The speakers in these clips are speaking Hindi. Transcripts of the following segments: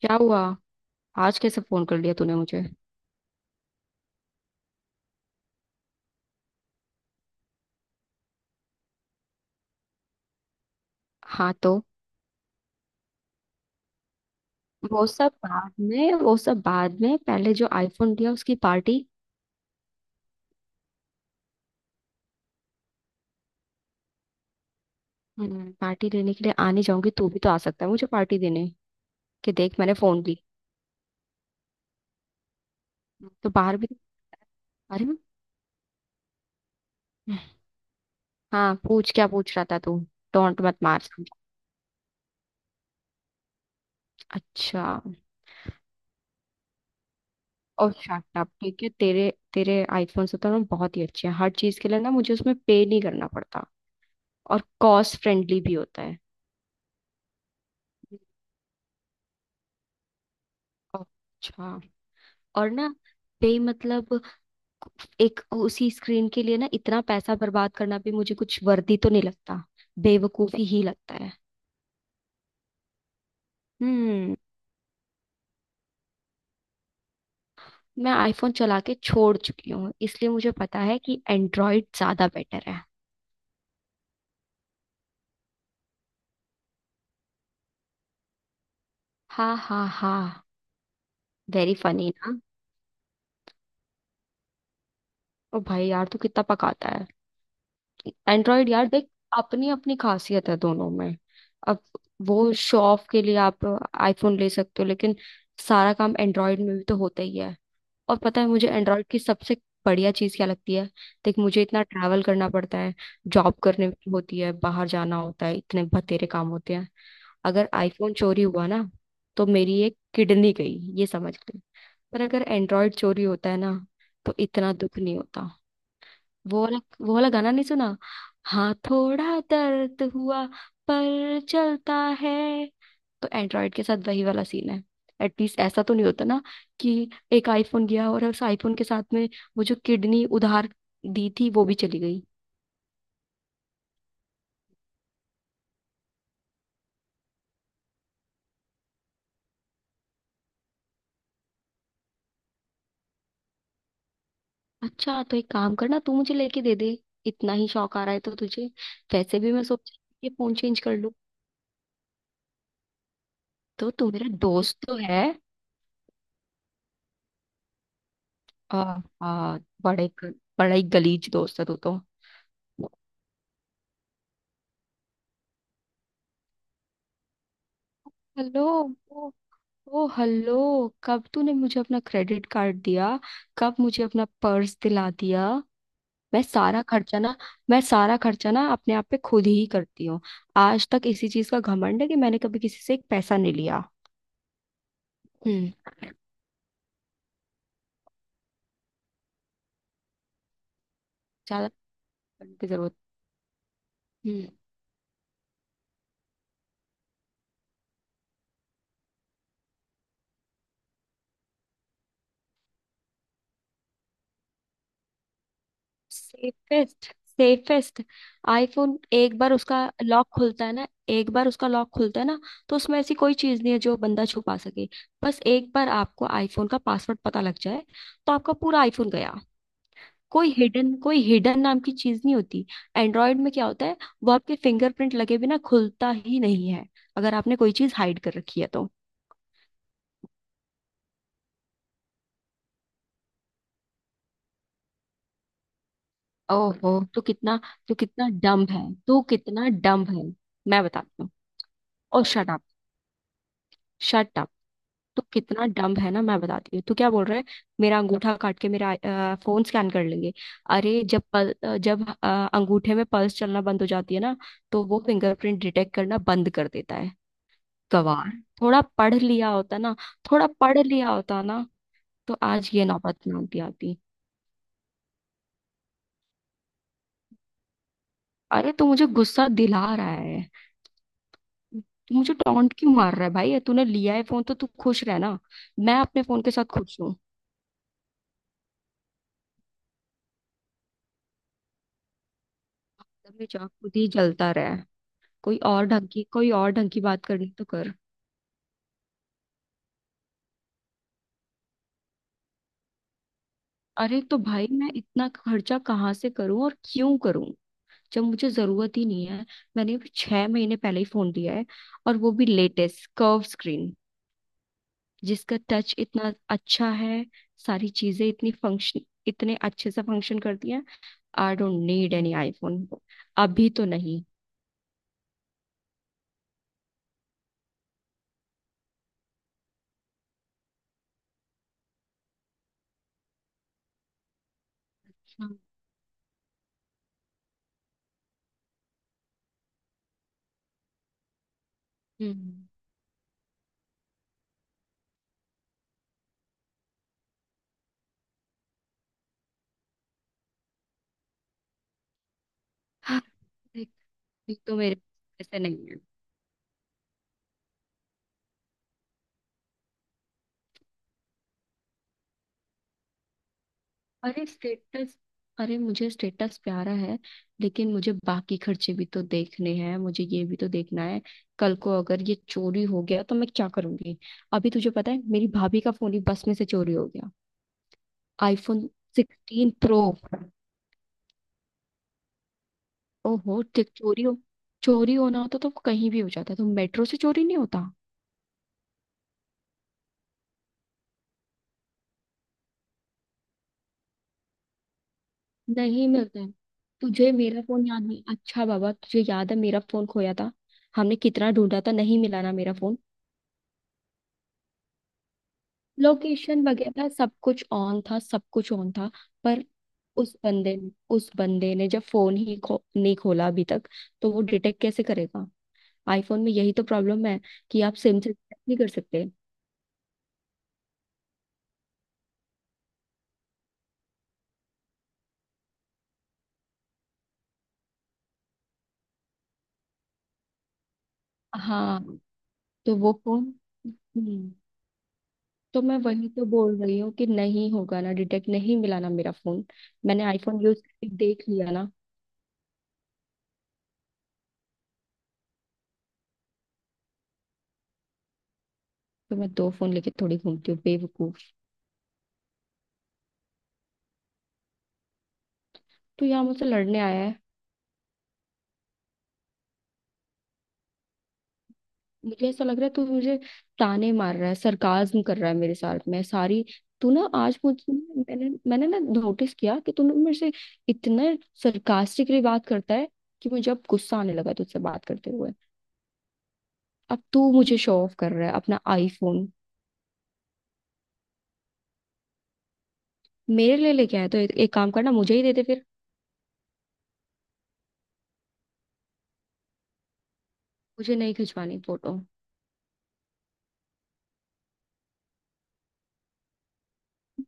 क्या हुआ? आज कैसे फोन कर लिया तूने मुझे? हाँ, तो? वो सब बाद में। पहले जो आईफोन दिया उसकी पार्टी। हम्म, पार्टी देने के लिए आने जाऊंगी, तू भी तो आ सकता है मुझे पार्टी देने। कि देख मैंने फोन ली। तो बाहर भी। अरे हाँ, पूछ, क्या पूछ रहा था तू? टोंट मत मार। अच्छा। और शट अप। ठीक है, तेरे तेरे आईफोन से तो ना बहुत ही अच्छे हैं, हर चीज के लिए ना, मुझे उसमें पे नहीं करना पड़ता। और कॉस्ट फ्रेंडली भी होता है। अच्छा। और ना, पे मतलब एक उसी स्क्रीन के लिए ना इतना पैसा बर्बाद करना भी मुझे कुछ वर्दी तो नहीं लगता। बेवकूफी ही लगता है। हम्म, मैं आईफोन चला के छोड़ चुकी हूँ, इसलिए मुझे पता है कि एंड्रॉइड ज्यादा बेटर है। हाँ, हाँ, हाँ। वेरी फनी ना। ओ भाई यार तू कितना पकाता है। एंड्रॉइड, यार देख, अपनी अपनी खासियत है दोनों में। अब वो शो ऑफ के लिए आप आईफोन ले सकते हो, लेकिन सारा काम एंड्रॉइड में भी तो होता ही है। और पता है मुझे एंड्रॉयड की सबसे बढ़िया चीज़ क्या लगती है? देख, मुझे इतना ट्रैवल करना पड़ता है, जॉब करने की होती है, बाहर जाना होता है, इतने बतेरे काम होते हैं। अगर आईफोन चोरी हुआ ना, तो मेरी एक किडनी गई, ये समझ ले। पर अगर एंड्रॉयड चोरी होता है ना, तो इतना दुख नहीं होता। वो वाला वो वाला गाना नहीं सुना? हाँ, थोड़ा दर्द हुआ, पर चलता है। तो एंड्रॉयड के साथ वही वाला सीन है। एटलीस्ट ऐसा तो नहीं होता ना कि एक आईफोन गया और उस आईफोन के साथ में वो जो किडनी उधार दी थी वो भी चली गई। अच्छा, तो एक काम करना, तू मुझे लेके दे दे। इतना ही शौक आ रहा है तो तुझे। वैसे भी मैं सोच ये फोन चेंज कर लूं। तो तू मेरा दोस्त तो है। आ, आ, बड़े ग- बड़ा ही गलीज दोस्त है तू तो। हेलो! ओ, ओ हेलो! कब तूने मुझे अपना क्रेडिट कार्ड दिया? कब मुझे अपना पर्स दिला दिया? मैं सारा खर्चा ना मैं सारा खर्चा ना अपने आप पे खुद ही करती हूँ। आज तक इसी चीज का घमंड है कि मैंने कभी किसी से एक पैसा नहीं लिया। हम्म। ज्यादा करने की जरूरत। हम्म। Safest, safest iPhone. एक बार उसका लॉक खुलता है ना, तो उसमें ऐसी कोई चीज नहीं है जो बंदा छुपा सके। बस एक बार आपको आईफोन का पासवर्ड पता लग जाए, तो आपका पूरा आईफोन गया। कोई हिडन नाम की चीज नहीं होती। एंड्रॉयड में क्या होता है, वो आपके फिंगरप्रिंट लगे बिना खुलता ही नहीं है, अगर आपने कोई चीज हाइड कर रखी है तो। ओहो, तो कितना, तो कितना डम्ब है तो कितना डम्ब है। मैं बताती हूँ। ओ शट अप, शट अप! तो कितना डम्ब है ना, मैं बताती हूँ तू क्या बोल रहा है। मेरा अंगूठा काट के मेरा फोन स्कैन कर लेंगे। अरे जब पल, अ, जब अ, अंगूठे में पल्स चलना बंद हो जाती है ना, तो वो फिंगरप्रिंट डिटेक्ट करना बंद कर देता है। गवार! थोड़ा पढ़ लिया होता ना थोड़ा पढ़ लिया होता ना, तो आज ये नौबत ना आती आती अरे तू मुझे गुस्सा दिला रहा है। तू मुझे टॉन्ट क्यों मार रहा है भाई? तूने लिया है फोन तो तू खुश रह ना, मैं अपने फोन के साथ खुश हूँ। तब ये चाक खुद ही जलता रहा है। कोई और ढंग की बात करनी तो कर। अरे तो भाई मैं इतना खर्चा कहाँ से करूं और क्यों करूं, जब मुझे जरूरत ही नहीं है? मैंने अभी 6 महीने पहले ही फोन लिया है, और वो भी लेटेस्ट कर्व स्क्रीन, जिसका टच इतना अच्छा है। सारी चीजें इतनी फंक्शन, इतने अच्छे से फंक्शन करती हैं। I don't need any iPhone, अभी तो नहीं। हाँ। हम्म। हाँ। एक- एक तो मेरे पास ऐसे नहीं है। अरे स्टेटस, अरे मुझे स्टेटस प्यारा है, लेकिन मुझे बाकी खर्चे भी तो देखने हैं, मुझे ये भी तो देखना है कल को अगर ये चोरी हो गया तो मैं क्या करूंगी? अभी तुझे पता है मेरी भाभी का फोन ही बस में से चोरी हो गया। IPhone 16 pro. ओहो ठीक चोरी हो चोरी होना होता तो कहीं भी हो जाता, तो मेट्रो से चोरी नहीं होता? नहीं मिलता है। तुझे मेरा फोन याद नहीं, अच्छा बाबा तुझे याद है मेरा फोन खोया था? हमने कितना ढूंढा था, नहीं मिला ना मेरा फोन। लोकेशन वगैरह सब कुछ ऑन था, सब कुछ ऑन था। पर उस बंदे ने जब नहीं खोला अभी तक, तो वो डिटेक्ट कैसे करेगा? आईफोन में यही तो प्रॉब्लम है कि आप सिम से डिटेक्ट नहीं कर सकते। हाँ, तो वो फोन। तो मैं वही तो बोल रही हूँ कि नहीं होगा ना डिटेक्ट, नहीं मिला ना मेरा फोन। मैंने आईफोन यूज करके देख लिया ना। तो मैं दो फोन लेके थोड़ी घूमती हूँ बेवकूफ। तू यहाँ मुझसे लड़ने आया है? मुझे ऐसा लग रहा है तू मुझे ताने मार रहा है, सरकाज्म कर रहा है मेरे साथ में सारी। तू ना आज मुझ मैंने मैंने ना नोटिस किया कि तू ना मेरे से इतना सरकास्टिकली बात करता है कि मुझे अब गुस्सा आने लगा तुझसे बात करते हुए। अब तू मुझे शो ऑफ कर रहा है अपना आईफोन। मेरे लिए लेके आया तो एक एक काम करना, मुझे ही दे दे फिर। मुझे नहीं खिंचवानी फोटो।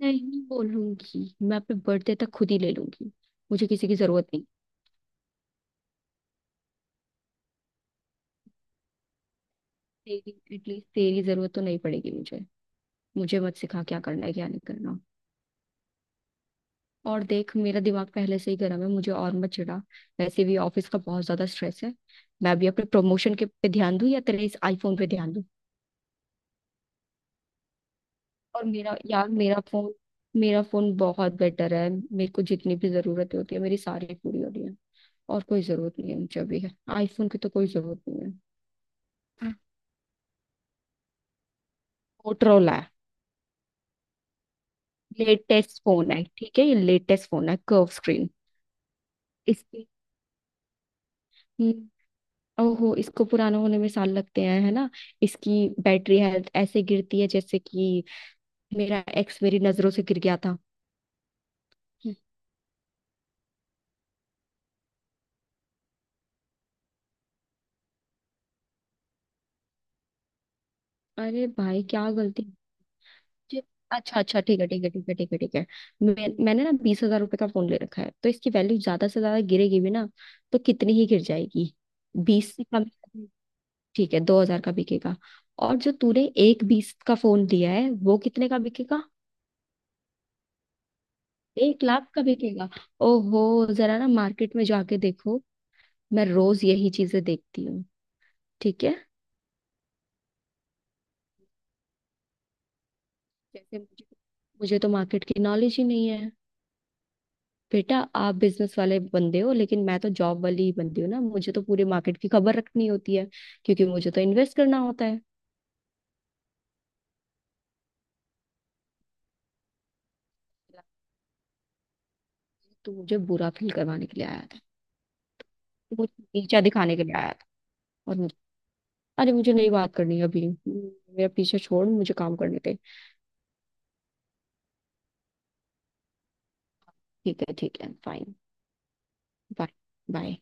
नहीं बोलूंगी, मैं अपने बर्थडे तक खुद ही ले लूंगी, मुझे किसी की जरूरत नहीं। तेरी, एटलीस्ट तेरी जरूरत तो नहीं पड़ेगी मुझे। मुझे मत सिखा क्या करना है क्या नहीं करना। और देख, मेरा दिमाग पहले से ही गर्म है, मुझे और मत चिढ़ा। वैसे भी ऑफिस का बहुत ज्यादा स्ट्रेस है। मैं भी अपने प्रमोशन के पे ध्यान दूं या तेरे इस आईफोन पे ध्यान दूं? और मेरा, यार मेरा फोन बहुत बेटर है, मेरे को जितनी भी जरूरत होती है मेरी सारी पूरी हो रही है। और कोई जरूरत नहीं है मुझे अभी आईफोन की, तो कोई जरूरत नहीं है। मोटरोला लेटेस्ट फोन है, ठीक है, ये लेटेस्ट फोन है, कर्व स्क्रीन। इसकी, हम्म, ओहो, इसको पुराना होने में साल लगते हैं है ना? इसकी बैटरी हेल्थ ऐसे गिरती है जैसे कि मेरा एक्स मेरी नजरों से गिर गया था। हम्म। अरे भाई क्या गलती? मुझे, अच्छा अच्छा, ठीक है ठीक है ठीक है ठीक है ठीक है। मैंने ना 20,000 रुपए का फोन ले रखा है, तो इसकी वैल्यू ज्यादा से ज्यादा गिरेगी भी ना, तो कितनी ही गिर जाएगी? बीस से कम? ठीक है, 2,000 का बिकेगा। और जो तूने एक बीस का फोन दिया है वो कितने का बिकेगा? 1 लाख का बिकेगा? ओहो, जरा ना मार्केट में जाके देखो, मैं रोज यही चीजें देखती हूँ। ठीक है। जैसे मुझे मुझे तो मार्केट की नॉलेज ही नहीं है? बेटा, आप बिजनेस वाले बंदे हो, लेकिन मैं तो जॉब वाली ही बंदी हूँ ना, मुझे तो पूरे मार्केट की खबर रखनी होती है, क्योंकि मुझे तो इन्वेस्ट करना होता है। तू मुझे बुरा फील करवाने के लिए आया था। तू मुझे नीचा दिखाने के लिए आया था। और अरे मुझे नहीं बात करनी अभी, मेरा पीछे छोड़, मुझे काम करने दे। ठीक है, ठीक है, फाइन। बाय। बाय।